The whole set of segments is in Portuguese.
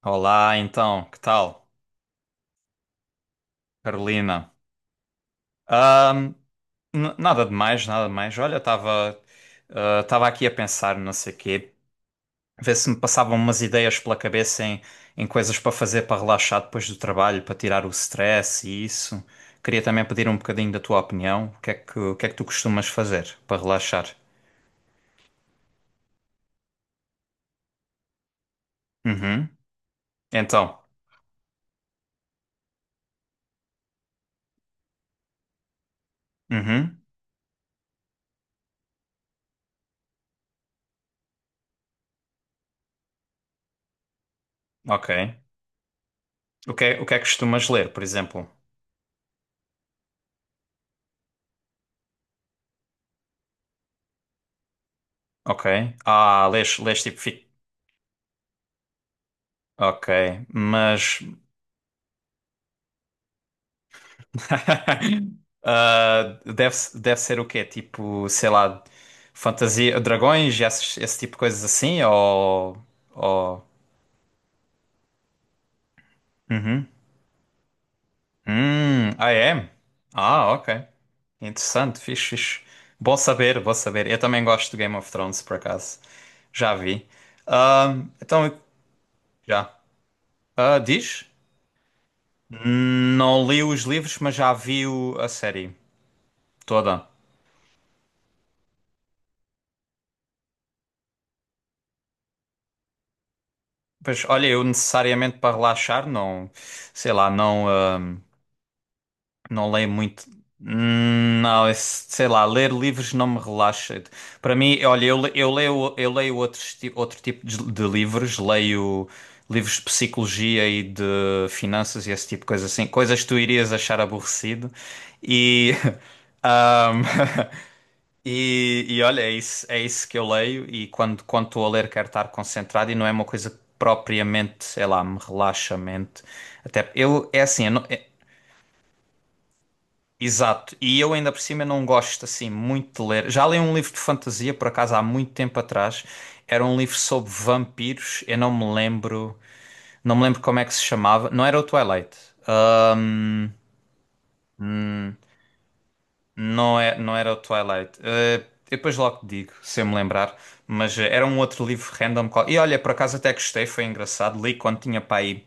Olá, então, que tal, Carolina? Ahm, nada demais, nada demais. Olha, estava aqui a pensar, não sei quê, ver se me passavam umas ideias pela cabeça em coisas para fazer para relaxar depois do trabalho, para tirar o stress e isso. Queria também pedir um bocadinho da tua opinião. O que é que tu costumas fazer para relaxar? Uhum. Então, uhum. Ok. O que é que costumas ler, por exemplo? Ok. Ah, lês tipo Ok, mas. Ah, deve ser o quê? Tipo, sei lá, fantasia, dragões, esse tipo de coisas assim? Ou... Uhum. Ah, é? Ah, ok. Interessante, fixe, fixe. Bom saber, bom saber. Eu também gosto do Game of Thrones, por acaso. Já vi. Ah, então, já. Ah, diz? Não li os livros, mas já vi a série toda. Pois, olha, eu necessariamente para relaxar, sei lá, não leio muito. Não, sei lá, ler livros não me relaxa. Para mim, olha, eu leio outros, outro tipo de livros, leio livros de psicologia e de finanças e esse tipo de coisa assim, coisas que tu irias achar aborrecido. E, ahm, e olha, é isso que eu leio e quando estou a ler quero estar concentrado e não é uma coisa que propriamente, sei lá, me relaxa a mente. Até eu, é assim, eu não- é, exato, e eu ainda por cima não gosto assim muito de ler. Já li um livro de fantasia, por acaso, há muito tempo atrás. Era um livro sobre vampiros, eu não me lembro como é que se chamava. Não era o Twilight. Ah, não era o Twilight. Eu depois logo te digo, se eu me lembrar. Mas era um outro livro random. E olha, por acaso até gostei, foi engraçado. Li quando tinha para aí,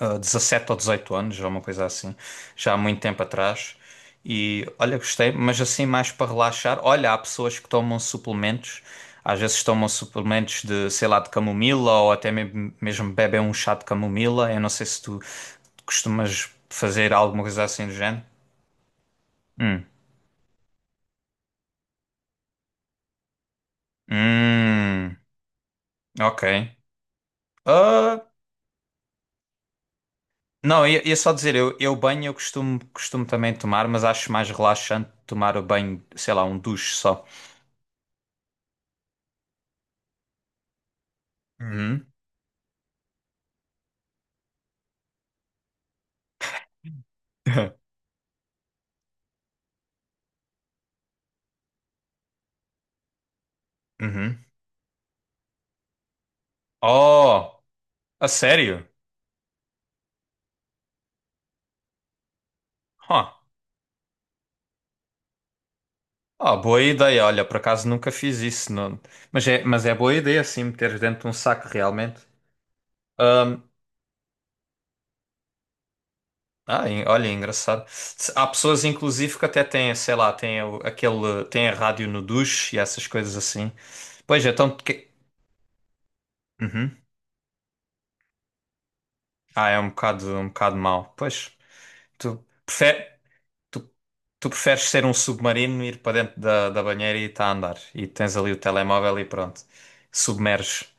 17 ou 18 anos, ou uma coisa assim, já há muito tempo atrás. E olha, gostei, mas assim mais para relaxar. Olha, há pessoas que tomam suplementos, às vezes tomam suplementos de, sei lá, de camomila ou até mesmo bebem um chá de camomila. Eu não sei se tu costumas fazer alguma coisa assim do género. Hum. Hum, ok. Ah, não, ia só dizer, eu banho eu costumo também tomar, mas acho mais relaxante tomar o banho, sei lá, um duche só. Uhum. Uhum. Oh, a sério? Huh. Oh, boa ideia. Olha, por acaso nunca fiz isso. Não. Mas é boa ideia, assim, meteres dentro de um saco realmente. Ahm, olha, engraçado. Há pessoas, inclusive, que até têm, sei lá, têm aquele, têm a rádio no duche e essas coisas assim. Pois, então. Que. Uhum. Ah, é um bocado mau. Pois, tu, prefe- tu, tu preferes ser um submarino, ir para dentro da banheira e está a andar. E tens ali o telemóvel e pronto, submerges.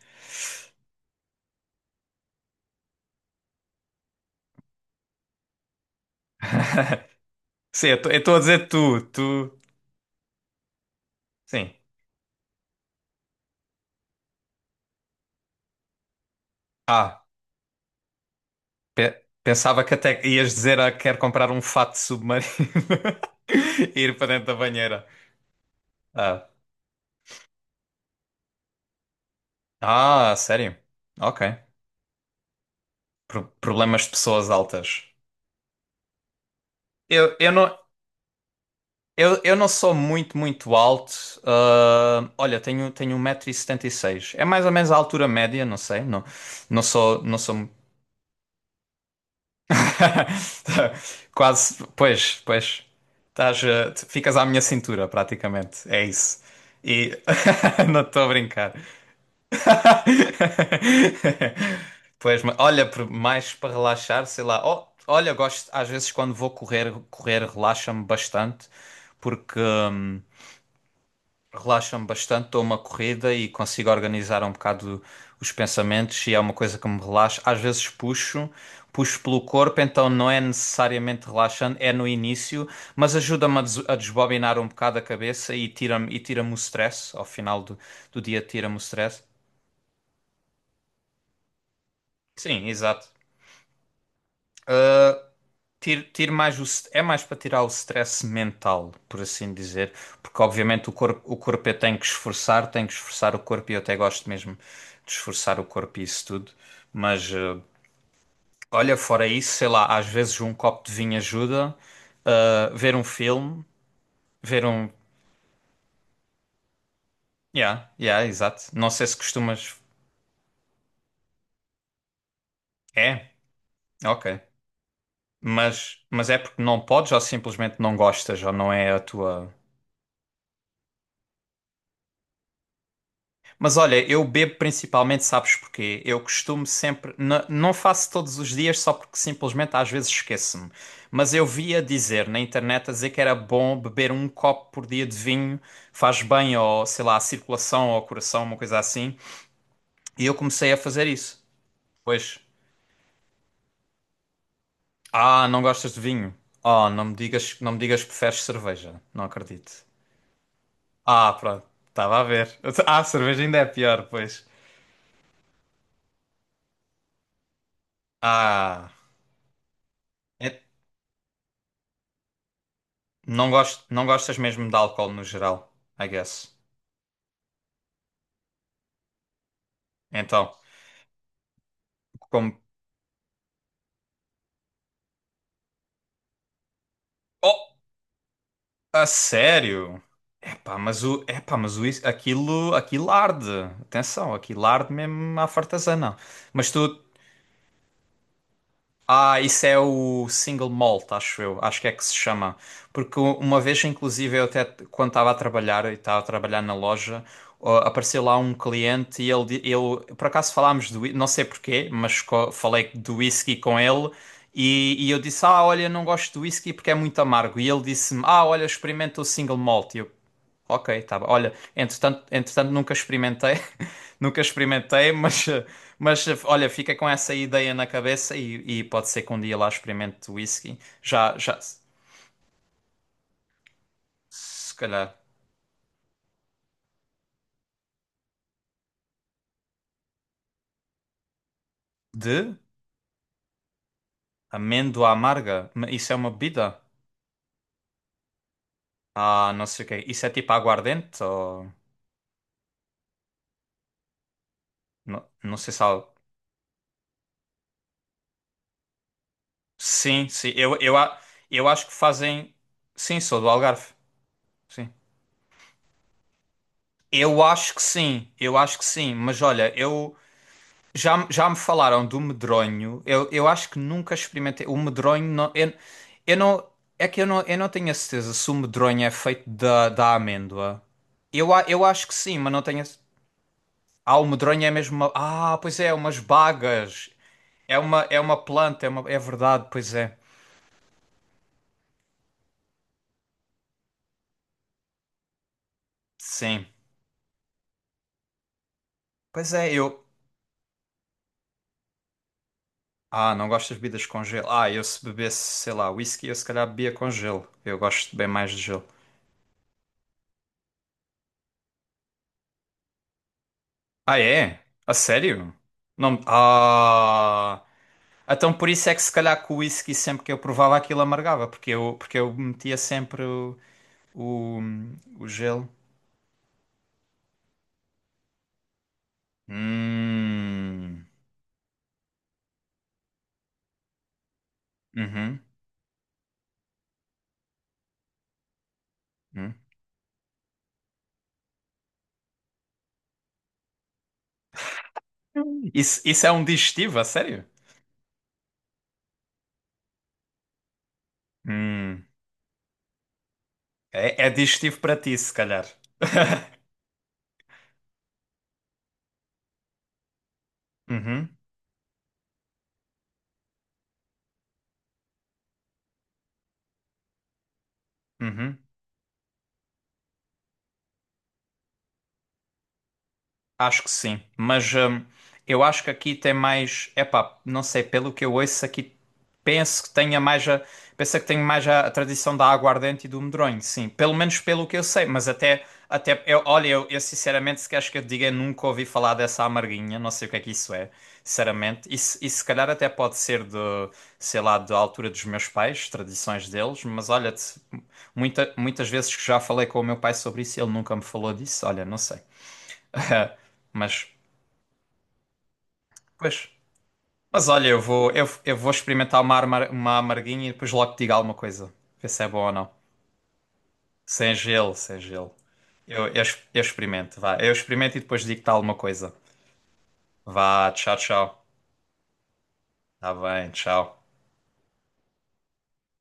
Sim, eu estou a dizer tu, tu. Sim. Ah, pensava que até ias dizer ah, quero comprar um fato submarino. E ir para dentro da banheira. Ah, ah, sério? Ok. Problemas de pessoas altas. Eu, eu não, eu não sou muito, muito alto. Ah, olha, tenho 1,76 m. É mais ou menos a altura média, não sei. Não, não sou, não sou. Quase, pois, pois. Tu ficas à minha cintura, praticamente. É isso. E não estou a brincar. Pois, olha, mais para relaxar, sei lá. Oh, olha, gosto, às vezes quando vou correr, correr relaxa-me bastante, porque relaxa-me bastante, dou uma corrida e consigo organizar um bocado os pensamentos e é uma coisa que me relaxa. Às vezes puxo pelo corpo, então não é necessariamente relaxante, é no início, mas ajuda-me a desbobinar um bocado a cabeça e tira-me o stress, ao final do dia tira-me o stress. Sim, exato. Tire mais é mais para tirar o stress mental, por assim dizer, porque obviamente o corpo eu tenho que esforçar o corpo e eu até gosto mesmo de esforçar o corpo e isso tudo, mas olha, fora isso, sei lá, às vezes um copo de vinho ajuda, ver um filme, ver um. Yeah, yeah, exato. Não sei se costumas. É, ok. Mas é porque não podes ou simplesmente não gostas ou não é a tua. Mas olha, eu bebo principalmente, sabes porquê? Eu costumo sempre, não faço todos os dias só porque simplesmente às vezes esqueço-me. Mas eu via dizer na internet a dizer que era bom beber um copo por dia de vinho, faz bem ao, sei lá, à circulação, ao coração, uma coisa assim. E eu comecei a fazer isso. Pois, ah, não gostas de vinho? Oh, não me digas, não me digas que preferes cerveja. Não acredito. Ah, pronto, estava a ver. Ah, cerveja ainda é pior, pois. Ah. Não gostas mesmo de álcool no geral, I guess. Então, como. Oh, a sério? Epá, mas o. Aquilo, aquilo arde. Atenção, aquilo arde mesmo à fartazana. Mas tu. Ah, isso é o single malt, acho eu. Acho que é que se chama. Porque uma vez, inclusive, eu até quando estava a trabalhar, e estava a trabalhar na loja, ó, apareceu lá um cliente e ele por acaso falámos não sei porquê, mas falei do whisky com ele e, eu disse, ah, olha, não gosto do whisky porque é muito amargo. E ele disse-me, ah, olha, experimenta o single malt. E eu. Ok, tá bom. Olha, entretanto nunca experimentei, nunca experimentei, mas olha, fica com essa ideia na cabeça e, pode ser que um dia lá experimente whisky. Já, já, se calhar. De amêndoa amarga? Isso é uma bebida? Ah, não sei o quê. Isso é tipo aguardente ou. Não, não sei se há. Sim, sim. Eu acho que fazem. Sim, sou do Algarve. Sim. Eu acho que sim, eu acho que sim, mas olha, eu. Já, já me falaram do medronho. Eu acho que nunca experimentei. O medronho não, eu não. É que eu não tenho a certeza se o medronho é feito da amêndoa. Eu acho que sim, mas não tenho. A Ah, o medronho é mesmo, pois é, umas bagas. É uma planta, é verdade, pois é. Sim. Pois é, eu. Ah, não gosto de bebidas com gelo. Ah, eu se bebesse, sei lá, whisky, eu se calhar bebia com gelo. Eu gosto bem mais de gelo. Ah, é? A sério? Não. Ah. Então por isso é que se calhar com o whisky sempre que eu provava aquilo amargava, porque eu metia sempre o, o gelo. Hum. Uhum. Hum. Isso é um digestivo, a sério? Hum. É digestivo para ti, se calhar. Uhum. Uhum. Acho que sim, mas eu acho que aqui tem mais, epá, não sei, pelo que eu ouço aqui, penso que tenha mais a, penso que tenho mais a tradição da aguardente e do medronho, sim, pelo menos pelo que eu sei, mas até eu, olha, eu sinceramente, se queres que eu te diga, eu nunca ouvi falar dessa amarguinha, não sei o que é que isso é, sinceramente, e, e se calhar até pode ser de, sei lá, da altura dos meus pais, tradições deles, mas olha, muitas vezes que já falei com o meu pai sobre isso, ele nunca me falou disso, olha, não sei. Mas, pois. Mas olha, eu vou experimentar uma amarguinha e depois logo te digo alguma coisa. Ver se é bom ou não. Sem gelo, sem gelo. Eu experimento, vá. Eu experimento e depois digo-te alguma coisa. Vá, tchau, tchau. Tá bem, tchau.